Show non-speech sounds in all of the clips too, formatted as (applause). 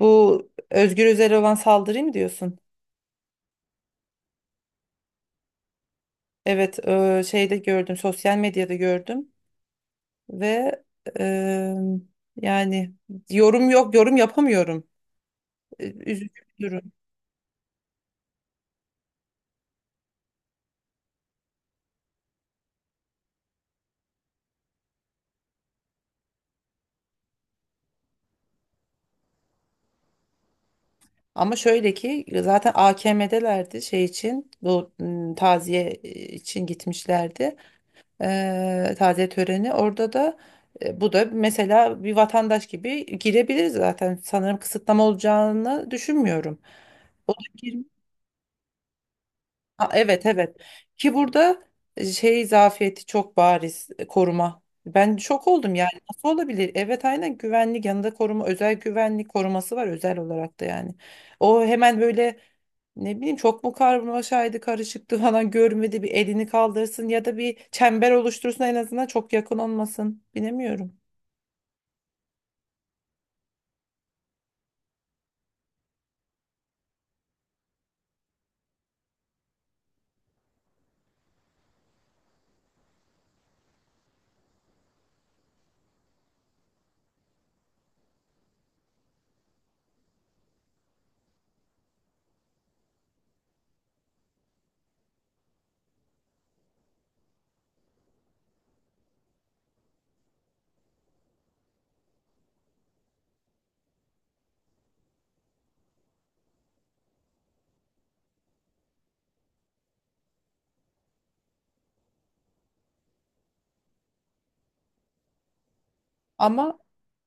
Bu Özgür Özel'e olan saldırı mı diyorsun? Evet, şeyde gördüm, sosyal medyada gördüm ve e, yani yorum yok, yorum yapamıyorum. E, Üzücü bir durum. Ama şöyle ki zaten AKM'delerdi şey için bu taziye için gitmişlerdi. Taziye töreni orada da, bu da mesela bir vatandaş gibi girebilir zaten. Sanırım kısıtlama olacağını düşünmüyorum. O da, ha, evet evet, ki burada şey zafiyeti çok bariz, koruma. Ben şok oldum, yani nasıl olabilir? Evet, aynen, güvenlik yanında koruma, özel güvenlik koruması var özel olarak da yani. O hemen böyle ne bileyim, çok mu karmaşaydı, karışıktı (laughs) falan, görmedi bir elini kaldırsın ya da bir çember oluştursun, en azından çok yakın olmasın, bilemiyorum. Ama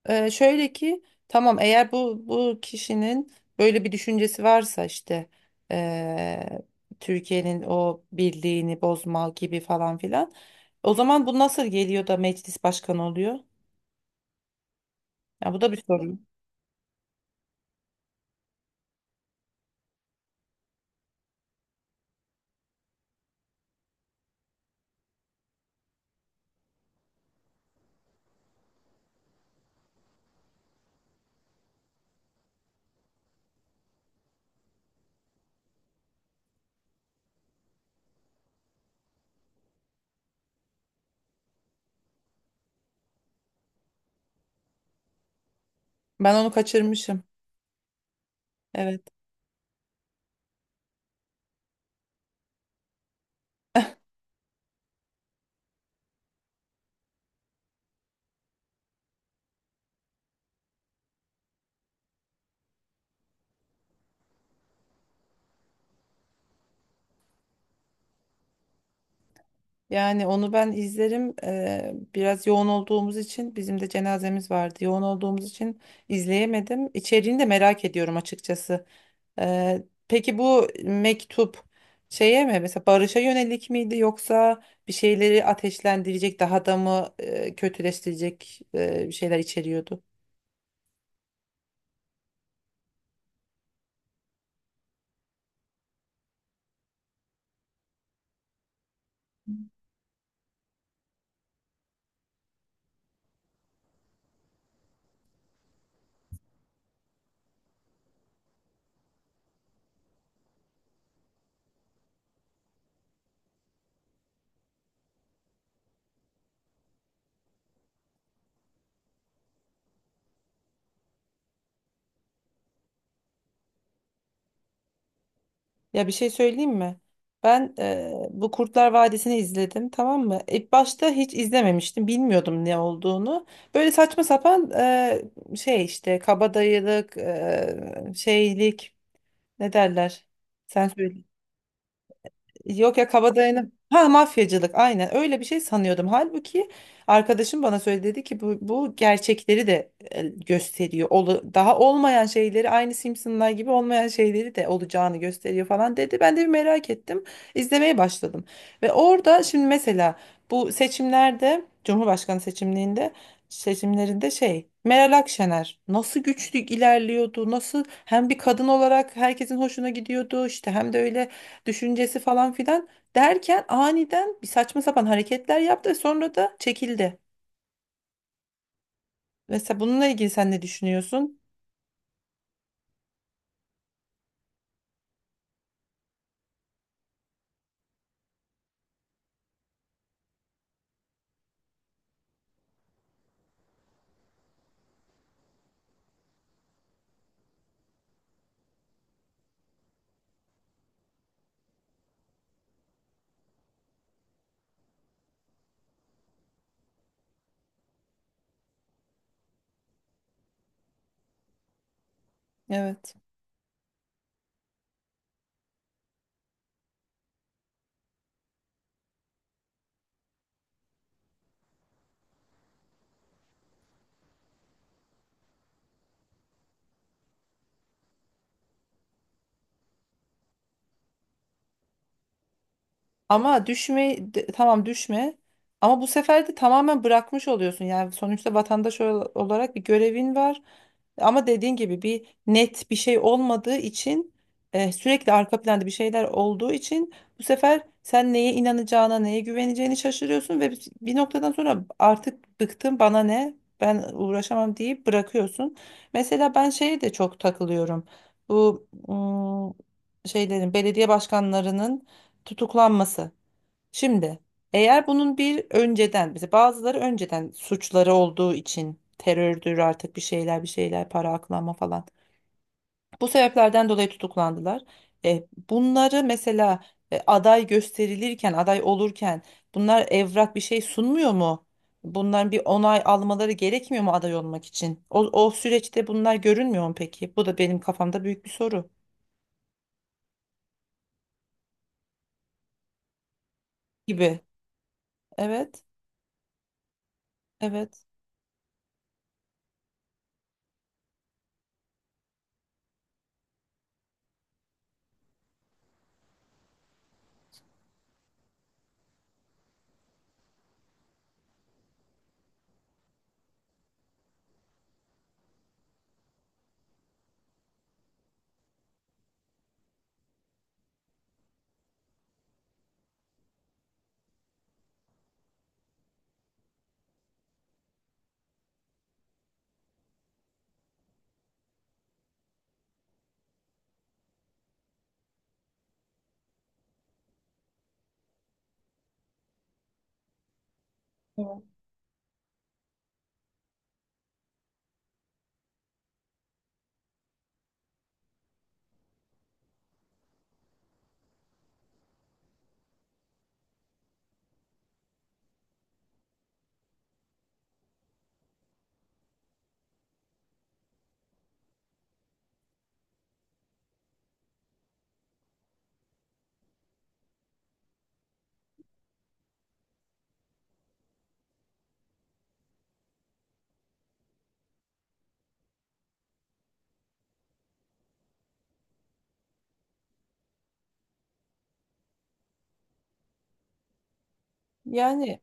Şöyle ki, tamam, eğer bu kişinin böyle bir düşüncesi varsa, işte eee, Türkiye'nin o birliğini bozma gibi falan filan, o zaman bu nasıl geliyor da meclis başkanı oluyor? Ya bu da bir sorun. Ben onu kaçırmışım. Evet. Yani onu ben izlerim. Biraz yoğun olduğumuz için, bizim de cenazemiz vardı. Yoğun olduğumuz için izleyemedim. İçeriğini de merak ediyorum açıkçası. Peki bu mektup şeye mi, mesela barışa yönelik miydi yoksa bir şeyleri ateşlendirecek, daha da mı kötüleştirecek bir şeyler içeriyordu? Ya bir şey söyleyeyim mi? Ben bu Kurtlar Vadisi'ni izledim, tamam mı? İlk başta hiç izlememiştim, bilmiyordum ne olduğunu. Böyle saçma sapan şey, işte kabadayılık, şeylik, ne derler? Sen söyle. Yok ya, kabadayının ha, mafyacılık, aynen öyle bir şey sanıyordum. Halbuki arkadaşım bana söyledi, dedi ki bu, gerçekleri de gösteriyor. Daha olmayan şeyleri, aynı Simpsonlar gibi olmayan şeyleri de olacağını gösteriyor falan dedi. Ben de bir merak ettim. İzlemeye başladım. Ve orada şimdi mesela bu seçimlerde Cumhurbaşkanı seçimlerinde şey, Meral Akşener nasıl güçlü ilerliyordu, nasıl hem bir kadın olarak herkesin hoşuna gidiyordu, işte hem de öyle düşüncesi falan filan derken aniden bir saçma sapan hareketler yaptı ve sonra da çekildi. Mesela bununla ilgili sen ne düşünüyorsun? Evet. Ama tamam, düşme, ama bu sefer de tamamen bırakmış oluyorsun. Yani sonuçta olarak bir görevin var. Ama dediğin gibi bir net bir şey olmadığı için, sürekli arka planda bir şeyler olduğu için, bu sefer sen neye inanacağına, neye güveneceğini şaşırıyorsun ve bir noktadan sonra artık, bıktım, bana ne? Ben uğraşamam deyip bırakıyorsun. Mesela ben şeye de çok takılıyorum. Bu şeylerin, belediye başkanlarının tutuklanması. Şimdi eğer bunun bir önceden, mesela bazıları önceden suçları olduğu için terördür, artık bir şeyler, para aklama falan. Bu sebeplerden dolayı tutuklandılar. Bunları mesela aday gösterilirken, aday olurken bunlar evrak bir şey sunmuyor mu? Bunların bir onay almaları gerekmiyor mu aday olmak için? O süreçte bunlar görünmüyor mu peki? Bu da benim kafamda büyük bir soru gibi. Evet, evet. Evet. Yani.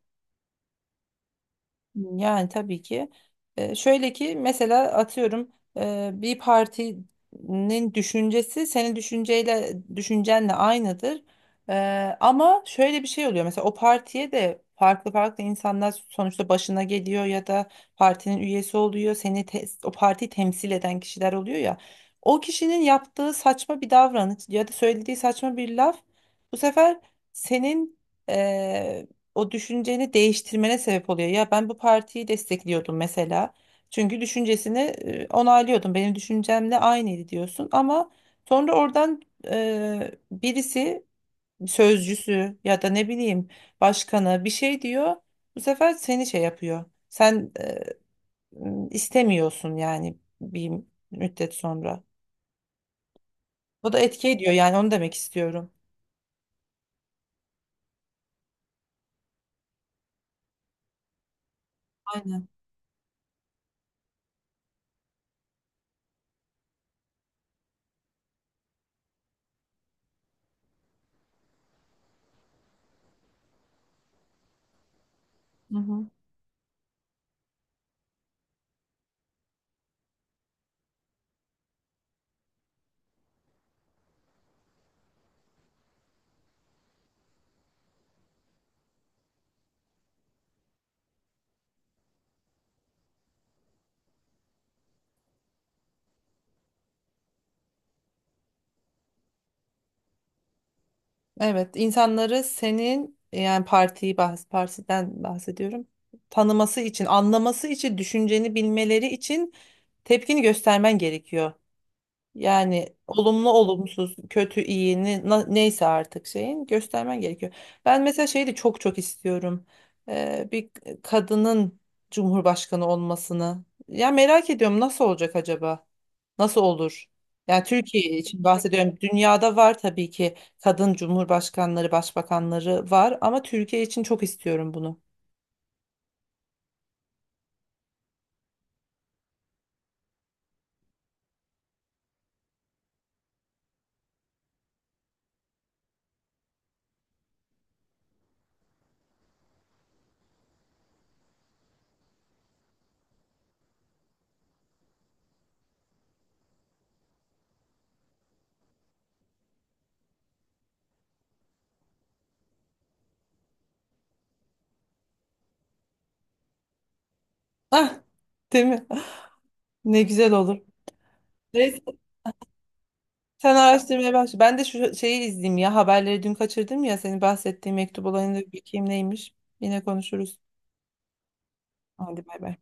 Yani tabii ki. Şöyle ki mesela, atıyorum, bir partinin düşüncesi senin düşüncenle aynıdır. Ama şöyle bir şey oluyor. Mesela o partiye de farklı farklı insanlar sonuçta başına geliyor ya da partinin üyesi oluyor. O partiyi temsil eden kişiler oluyor ya. O kişinin yaptığı saçma bir davranış ya da söylediği saçma bir laf, bu sefer senin o düşünceni değiştirmene sebep oluyor. Ya ben bu partiyi destekliyordum mesela. Çünkü düşüncesini onaylıyordum. Benim düşüncemle aynıydı diyorsun ama sonra oradan birisi, sözcüsü ya da ne bileyim başkanı bir şey diyor. Bu sefer seni şey yapıyor. Sen istemiyorsun yani bir müddet sonra. O da etki ediyor, yani onu demek istiyorum. Aynen. Hı hı. Evet, insanları senin, yani partiyi bahs partiden bahsediyorum. Tanıması için, anlaması için, düşünceni bilmeleri için tepkini göstermen gerekiyor. Yani olumlu olumsuz, kötü iyi, neyse artık şeyin göstermen gerekiyor. Ben mesela şeyi de çok çok istiyorum. Bir kadının cumhurbaşkanı olmasını. Ya merak ediyorum, nasıl olacak acaba? Nasıl olur? Yani Türkiye için bahsediyorum. Dünyada var tabii ki kadın cumhurbaşkanları, başbakanları var ama Türkiye için çok istiyorum bunu. (laughs) Ah, değil mi? (laughs) Ne güzel olur. Sen araştırmaya başla. Ben de şu şeyi izleyeyim ya. Haberleri dün kaçırdım ya. Senin bahsettiğin mektup olayını da bir bakayım neymiş. Yine konuşuruz. Hadi bay bay.